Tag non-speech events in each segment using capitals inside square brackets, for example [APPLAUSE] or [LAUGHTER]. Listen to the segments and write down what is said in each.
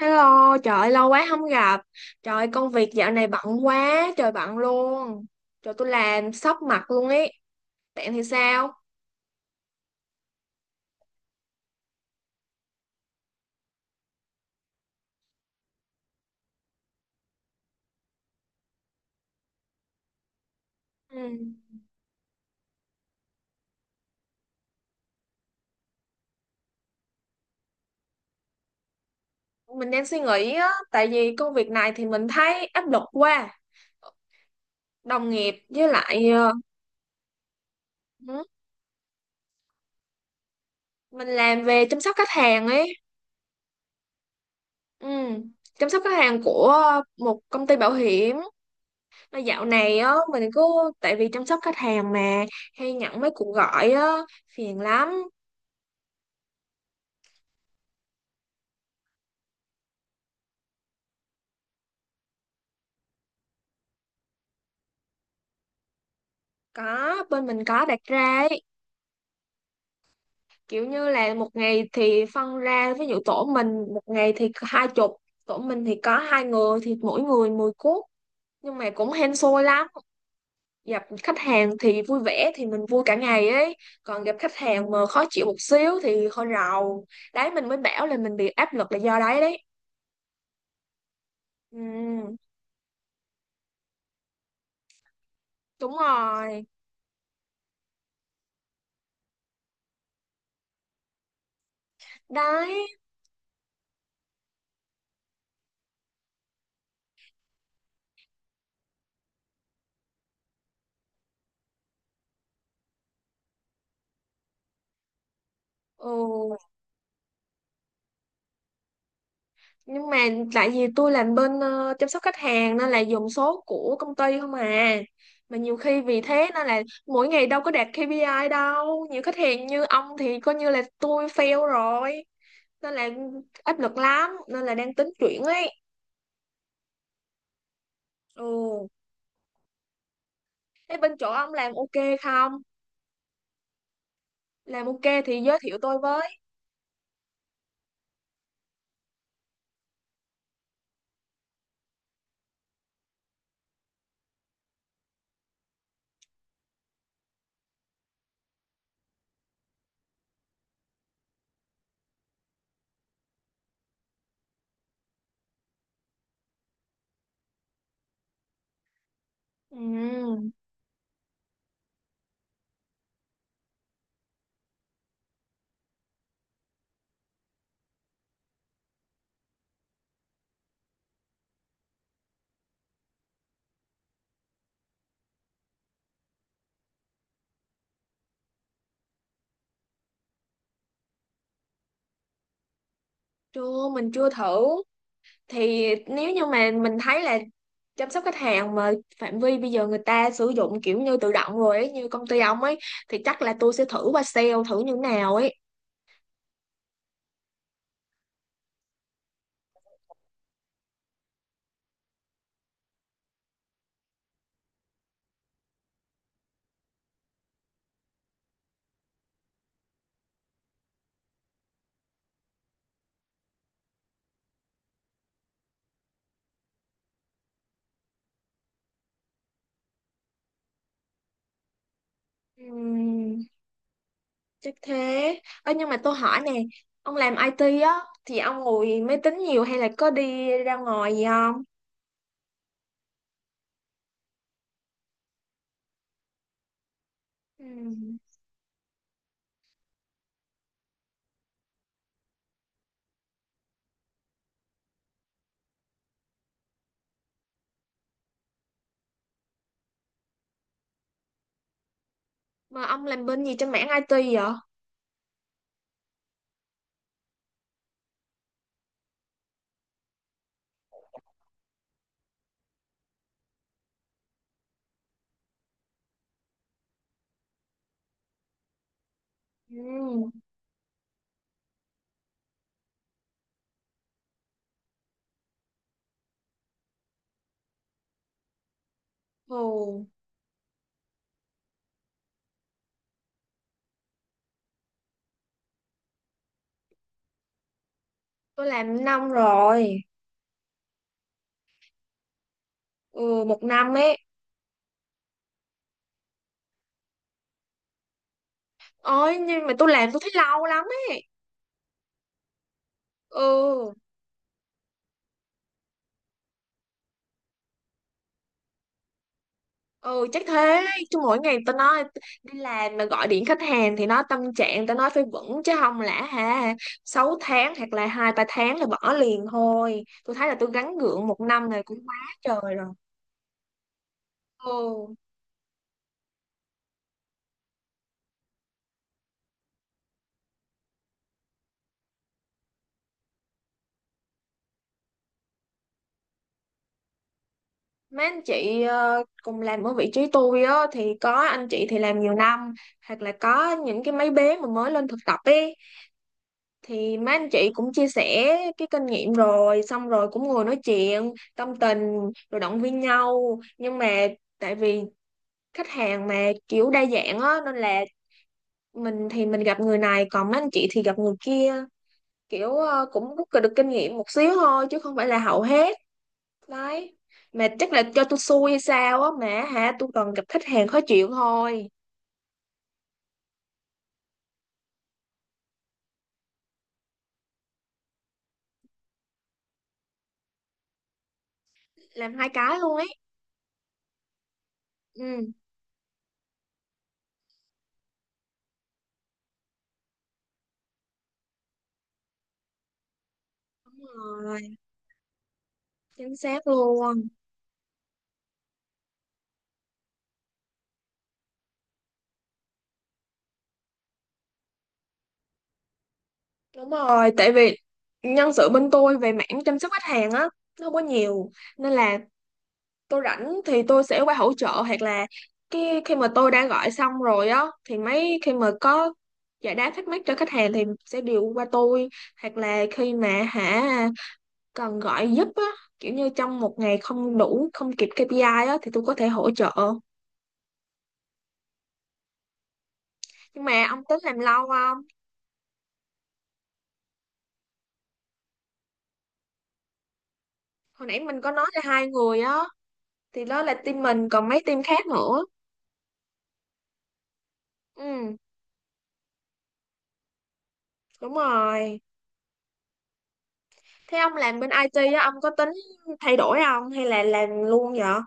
Hello, trời ơi, lâu quá không gặp. Trời ơi, công việc dạo này bận quá, trời bận luôn. Trời tôi làm sốc mặt luôn ấy. Bạn thì sao? Ừ. Mình đang suy nghĩ á, tại vì công việc này thì mình thấy áp lực quá. Đồng nghiệp với lại ừ, mình làm về chăm sóc khách hàng ấy. Ừ. Chăm sóc khách hàng của một công ty bảo hiểm. Mà dạo này á, mình cứ tại vì chăm sóc khách hàng mà hay nhận mấy cuộc gọi á, phiền lắm. Có, bên mình có đặt ra ấy. Kiểu như là một ngày thì phân ra, ví dụ tổ mình một ngày thì 20, tổ mình thì có hai người thì mỗi người 10 cuốc, nhưng mà cũng hên xui lắm. Gặp khách hàng thì vui vẻ thì mình vui cả ngày ấy, còn gặp khách hàng mà khó chịu một xíu thì hơi rầu đấy, mình mới bảo là mình bị áp lực là do đấy đấy. Ừ, đúng rồi. Đấy. Ừ. Nhưng mà tại vì tôi làm bên chăm sóc khách hàng nên là dùng số của công ty không à. Mà nhiều khi vì thế nên là mỗi ngày đâu có đạt KPI đâu, nhiều khách hàng như ông thì coi như là tôi fail rồi, nên là áp lực lắm, nên là đang tính chuyển ấy. Ừ, thế bên chỗ ông làm ok không? Làm ok thì giới thiệu tôi với. Ừ. Chưa, mình chưa thử. Thì nếu như mà mình thấy là chăm sóc khách hàng mà phạm vi bây giờ người ta sử dụng kiểu như tự động rồi ấy, như công ty ông ấy, thì chắc là tôi sẽ thử qua sale thử như nào ấy. Ừm, chắc thế. Ơ nhưng mà tôi hỏi nè, ông làm IT á thì ông ngồi máy tính nhiều hay là có đi ra ngoài gì không? Ừm, mà ông làm bên gì trên mảng IT vậy? Ừm. Ồ, tôi làm năm rồi. Ừ, một năm ấy. Ôi nhưng mà tôi làm tôi thấy lâu lắm ấy. Ừ, ừ, chắc thế. Chứ mỗi ngày tao nói, đi làm mà gọi điện khách hàng thì nó tâm trạng, tao nói phải vững chứ không lẽ ha, 6 tháng hoặc là 2-3 tháng là bỏ liền thôi. Tôi thấy là tôi gắng gượng một năm này cũng quá trời rồi. Ừ. Mấy anh chị cùng làm ở vị trí tôi á thì có anh chị thì làm nhiều năm, hoặc là có những cái mấy bé mà mới lên thực tập ý, thì mấy anh chị cũng chia sẻ cái kinh nghiệm rồi, xong rồi cũng ngồi nói chuyện tâm tình rồi động viên nhau. Nhưng mà tại vì khách hàng mà kiểu đa dạng á nên là mình thì mình gặp người này, còn mấy anh chị thì gặp người kia, kiểu cũng rút được kinh nghiệm một xíu thôi chứ không phải là hậu hết. Đấy. Mà chắc là cho tôi xui hay sao á mà, hả, tôi toàn gặp khách hàng khó chịu thôi. Làm hai cái luôn ấy. Ừ. Đúng rồi. Chính xác luôn. Đúng rồi, tại vì nhân sự bên tôi về mảng chăm sóc khách hàng á, nó không có nhiều. Nên là tôi rảnh thì tôi sẽ qua hỗ trợ, hoặc là cái khi mà tôi đã gọi xong rồi á, thì mấy khi mà có giải đáp thắc mắc cho khách hàng thì sẽ điều qua tôi. Hoặc là khi mà, hả, cần gọi giúp á, kiểu như trong một ngày không đủ, không kịp KPI á, thì tôi có thể hỗ trợ. Nhưng mà ông tính làm lâu không? Hồi nãy mình có nói là hai người á, thì đó là team mình còn mấy team khác nữa. Ừ. Đúng rồi. Thế ông làm bên IT á, ông có tính thay đổi không hay là làm luôn vậy?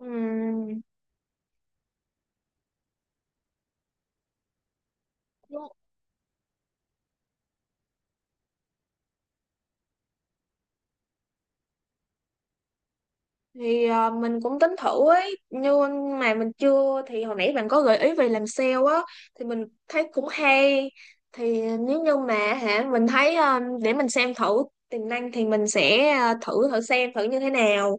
Ừm, thì à, mình cũng tính thử ấy nhưng mà mình chưa. Thì hồi nãy bạn có gợi ý về làm sale á thì mình thấy cũng hay. Thì nếu như mà hả, mình thấy à, để mình xem thử tiềm năng thì mình sẽ à, thử thử xem thử như thế nào.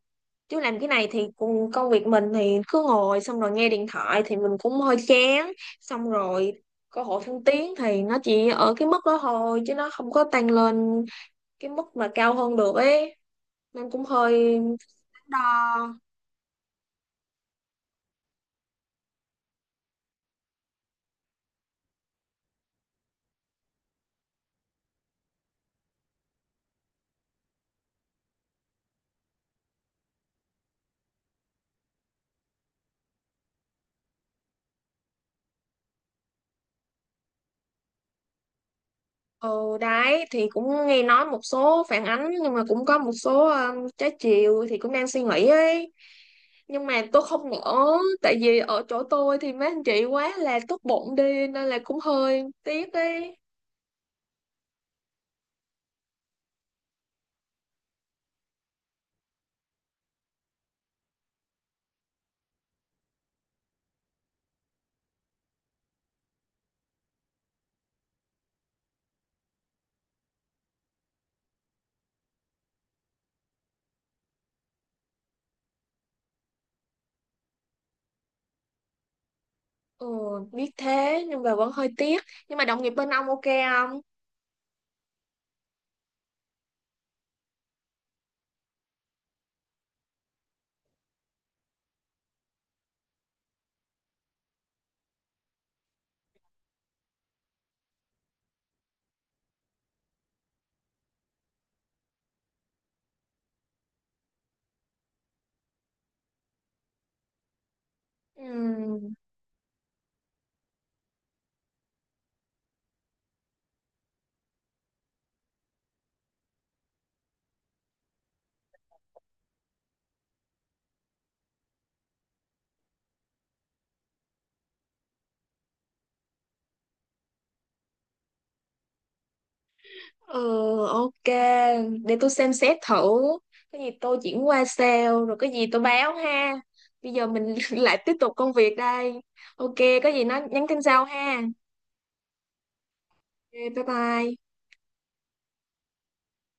Chứ làm cái này thì cùng công việc mình thì cứ ngồi xong rồi nghe điện thoại thì mình cũng hơi chán. Xong rồi cơ hội thăng tiến thì nó chỉ ở cái mức đó thôi chứ nó không có tăng lên cái mức mà cao hơn được ấy, nên cũng hơi đắn đo. Ừ, đấy thì cũng nghe nói một số phản ánh nhưng mà cũng có một số trái chiều thì cũng đang suy nghĩ ấy, nhưng mà tôi không nỡ. Tại vì ở chỗ tôi thì mấy anh chị quá là tốt bụng đi nên là cũng hơi tiếc ấy. Ừ, biết thế nhưng mà vẫn hơi tiếc. Nhưng mà đồng nghiệp bên ông ok không? Ừ. Ừ, ok. Để tôi xem xét thử. Cái gì tôi chuyển qua sale, rồi cái gì tôi báo ha. Bây giờ mình [LAUGHS] lại tiếp tục công việc đây. Ok, có gì nói nhắn tin sau ha. Ok, bye bye.